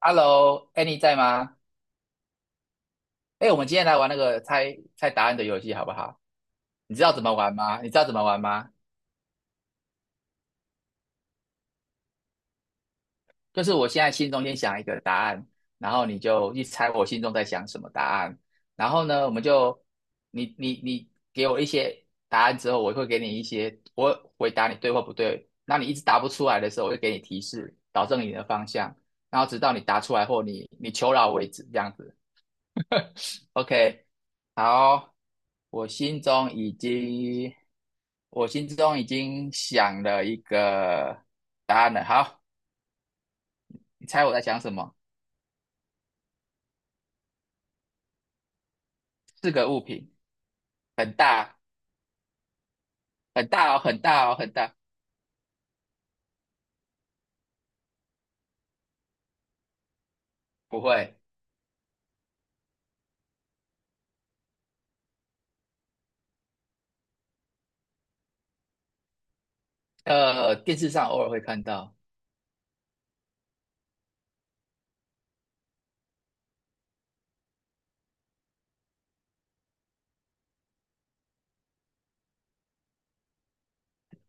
Hello，哎，在吗？哎，我们今天来玩那个猜猜答案的游戏，好不好？你知道怎么玩吗？你知道怎么玩吗？就是我现在心中先想一个答案，然后你就去猜我心中在想什么答案，然后呢，我们就你给我一些答案之后，我会给你一些，我会回答你对或不对。那你一直答不出来的时候，我就给你提示，导正你的方向，然后直到你答出来或你求饶为止，这样子。OK，好，我心中已经，我心中已经想了一个答案了。好，你猜我在想什么？四个物品，很大，很大哦，很大哦，很大。不会，电视上偶尔会看到，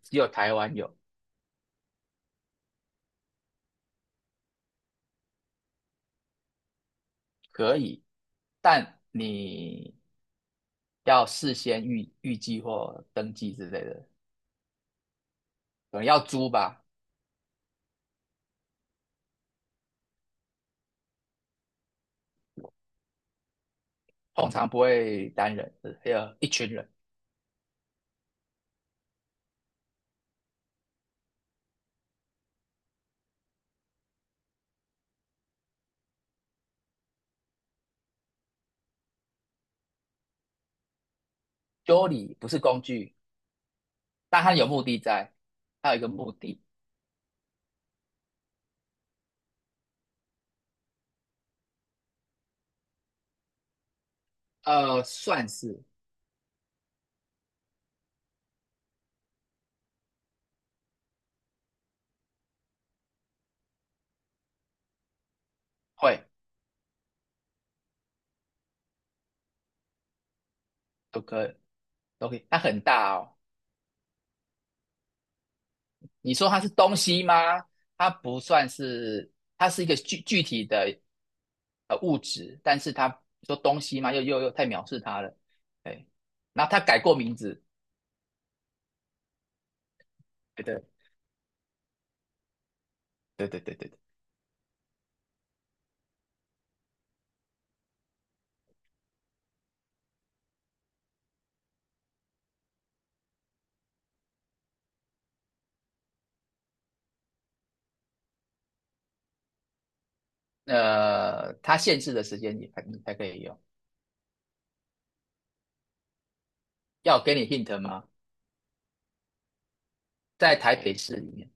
只有台湾有，可以，但你要事先预计或登记之类的，可能要租吧，通常不会单人，还有一群人。Dolly 不是工具。但他有目的在，他有一个目的，算是，会都可以都可以。它很大哦，你说它是东西吗？它不算是，它是一个具体的物质，但是它说东西吗？又太藐视它了，哎。然后它改过名字，对对对对对对对。它限制的时间也还你才可以用。要我给你 hint 吗？在台北市里面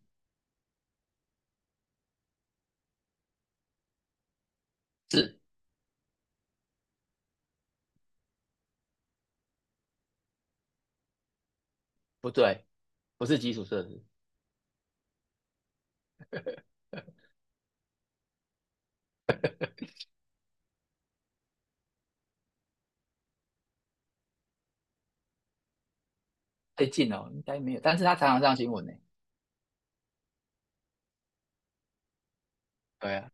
是不对，不是基础设施，最近哦，应该没有，但是它常常上新闻呢。对啊，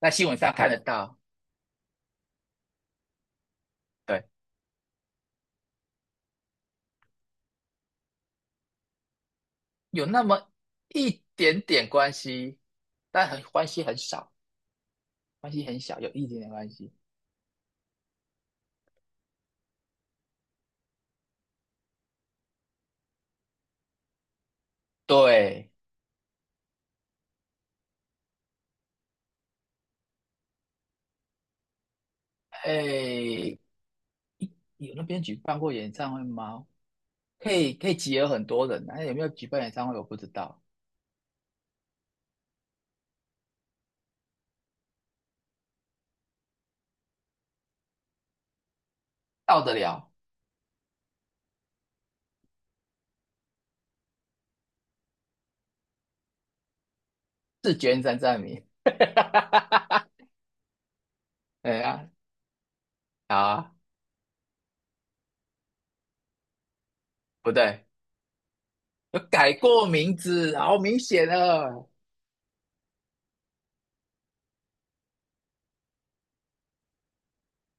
在新闻上看得到，对，有那么一点点关系，但很关系很少，关系很小，有一点点关系。对，哎，有那边举办过演唱会吗？可以可以集合很多人啊，那有没有举办演唱会我不知道，到得了，是觉三站名。对啊，好啊，不对，有改过名字，好明显了。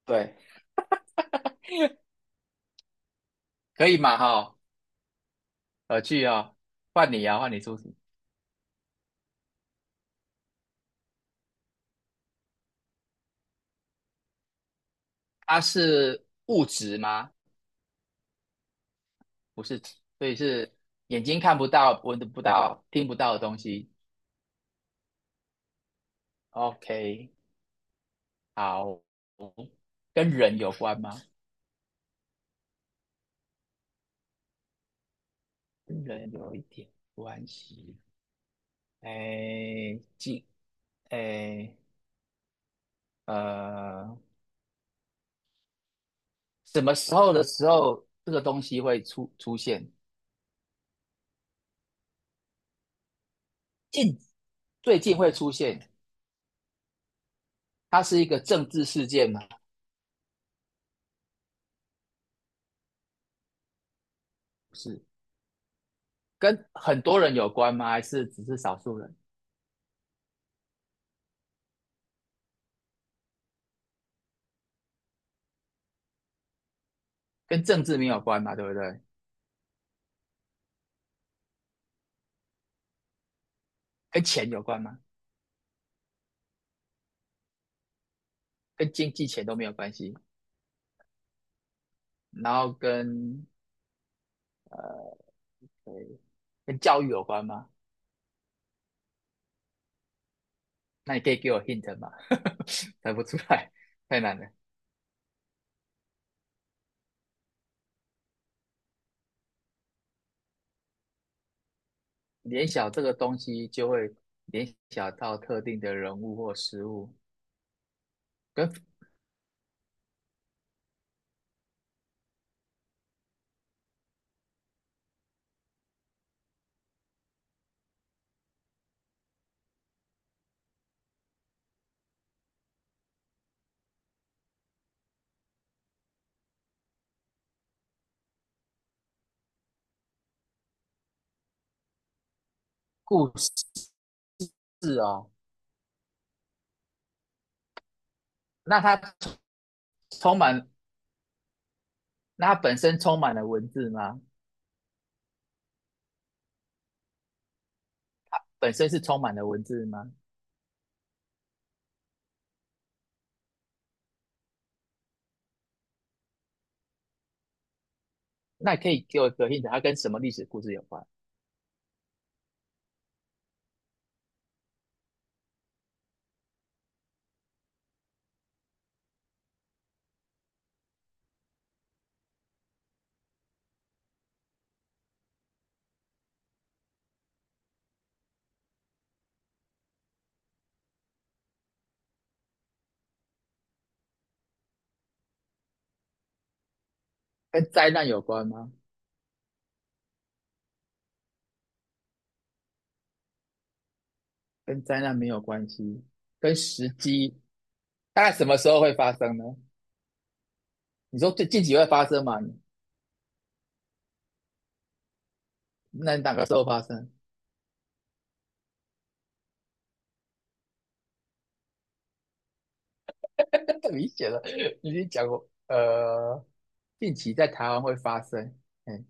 对，可以嘛哈，我去哦，换你啊，换你出题。它是物质吗？不是，所以是眼睛看不到、闻得不到、听不到的东西。OK，好，跟人有关吗？跟人有一点关系。哎，哎呃，什么时候的时候这个东西会出现？近最近会出现？它是一个政治事件吗？不是，跟很多人有关吗？还是只是少数人？跟政治没有关嘛，对不对？跟钱有关吗？跟经济钱都没有关系，然后呃跟教育有关吗？那你可以给我 hint 吗？猜不出来，太难了。联想这个东西就会联想到特定的人物或事物跟故事哦。那它充满，那它本身充满了文字吗？本身是充满了文字吗？那你可以给我一个 hint，它跟什么历史故事有关？跟灾难有关吗？跟灾难没有关系，跟时机大概什么时候会发生呢？你说最近期会发生吗？那哪个时候发生？太明显了，你已经讲过，近期在台湾会发生，嗯，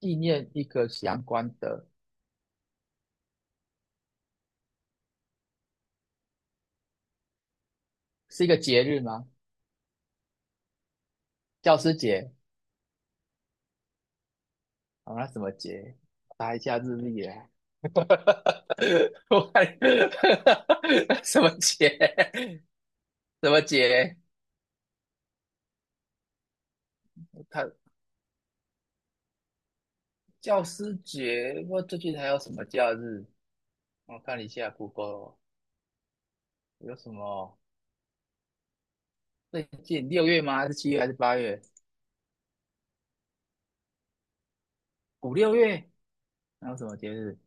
纪念一个相关的，是一个节日吗？教师节，啊，那什么节？查一下日历啊。我看 什么节？什么节？他教师节，我最近还有什么假日？我看一下 Google 有什么。最近六月吗？还是7月还是8月？五六月？还有什么节日？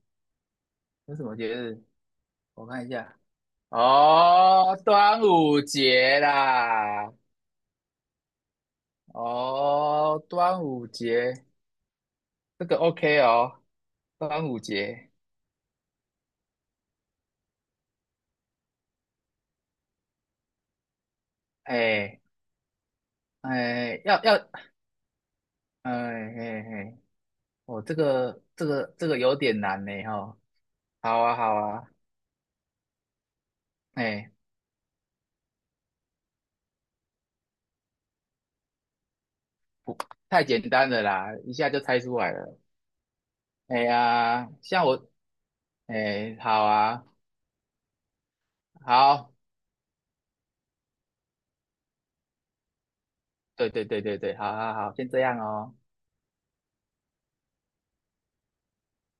有什么节日？我看一下。哦，端午节啦！哦，端午节这个 OK 哦，端午节，哎哎，要，哎哎哎，哦，这个有点难呢哈、哦好啊好啊，哎，太简单了啦，一下就猜出来了。哎呀，像我，哎，好啊，好。对对对对对，好好好，先这样哦。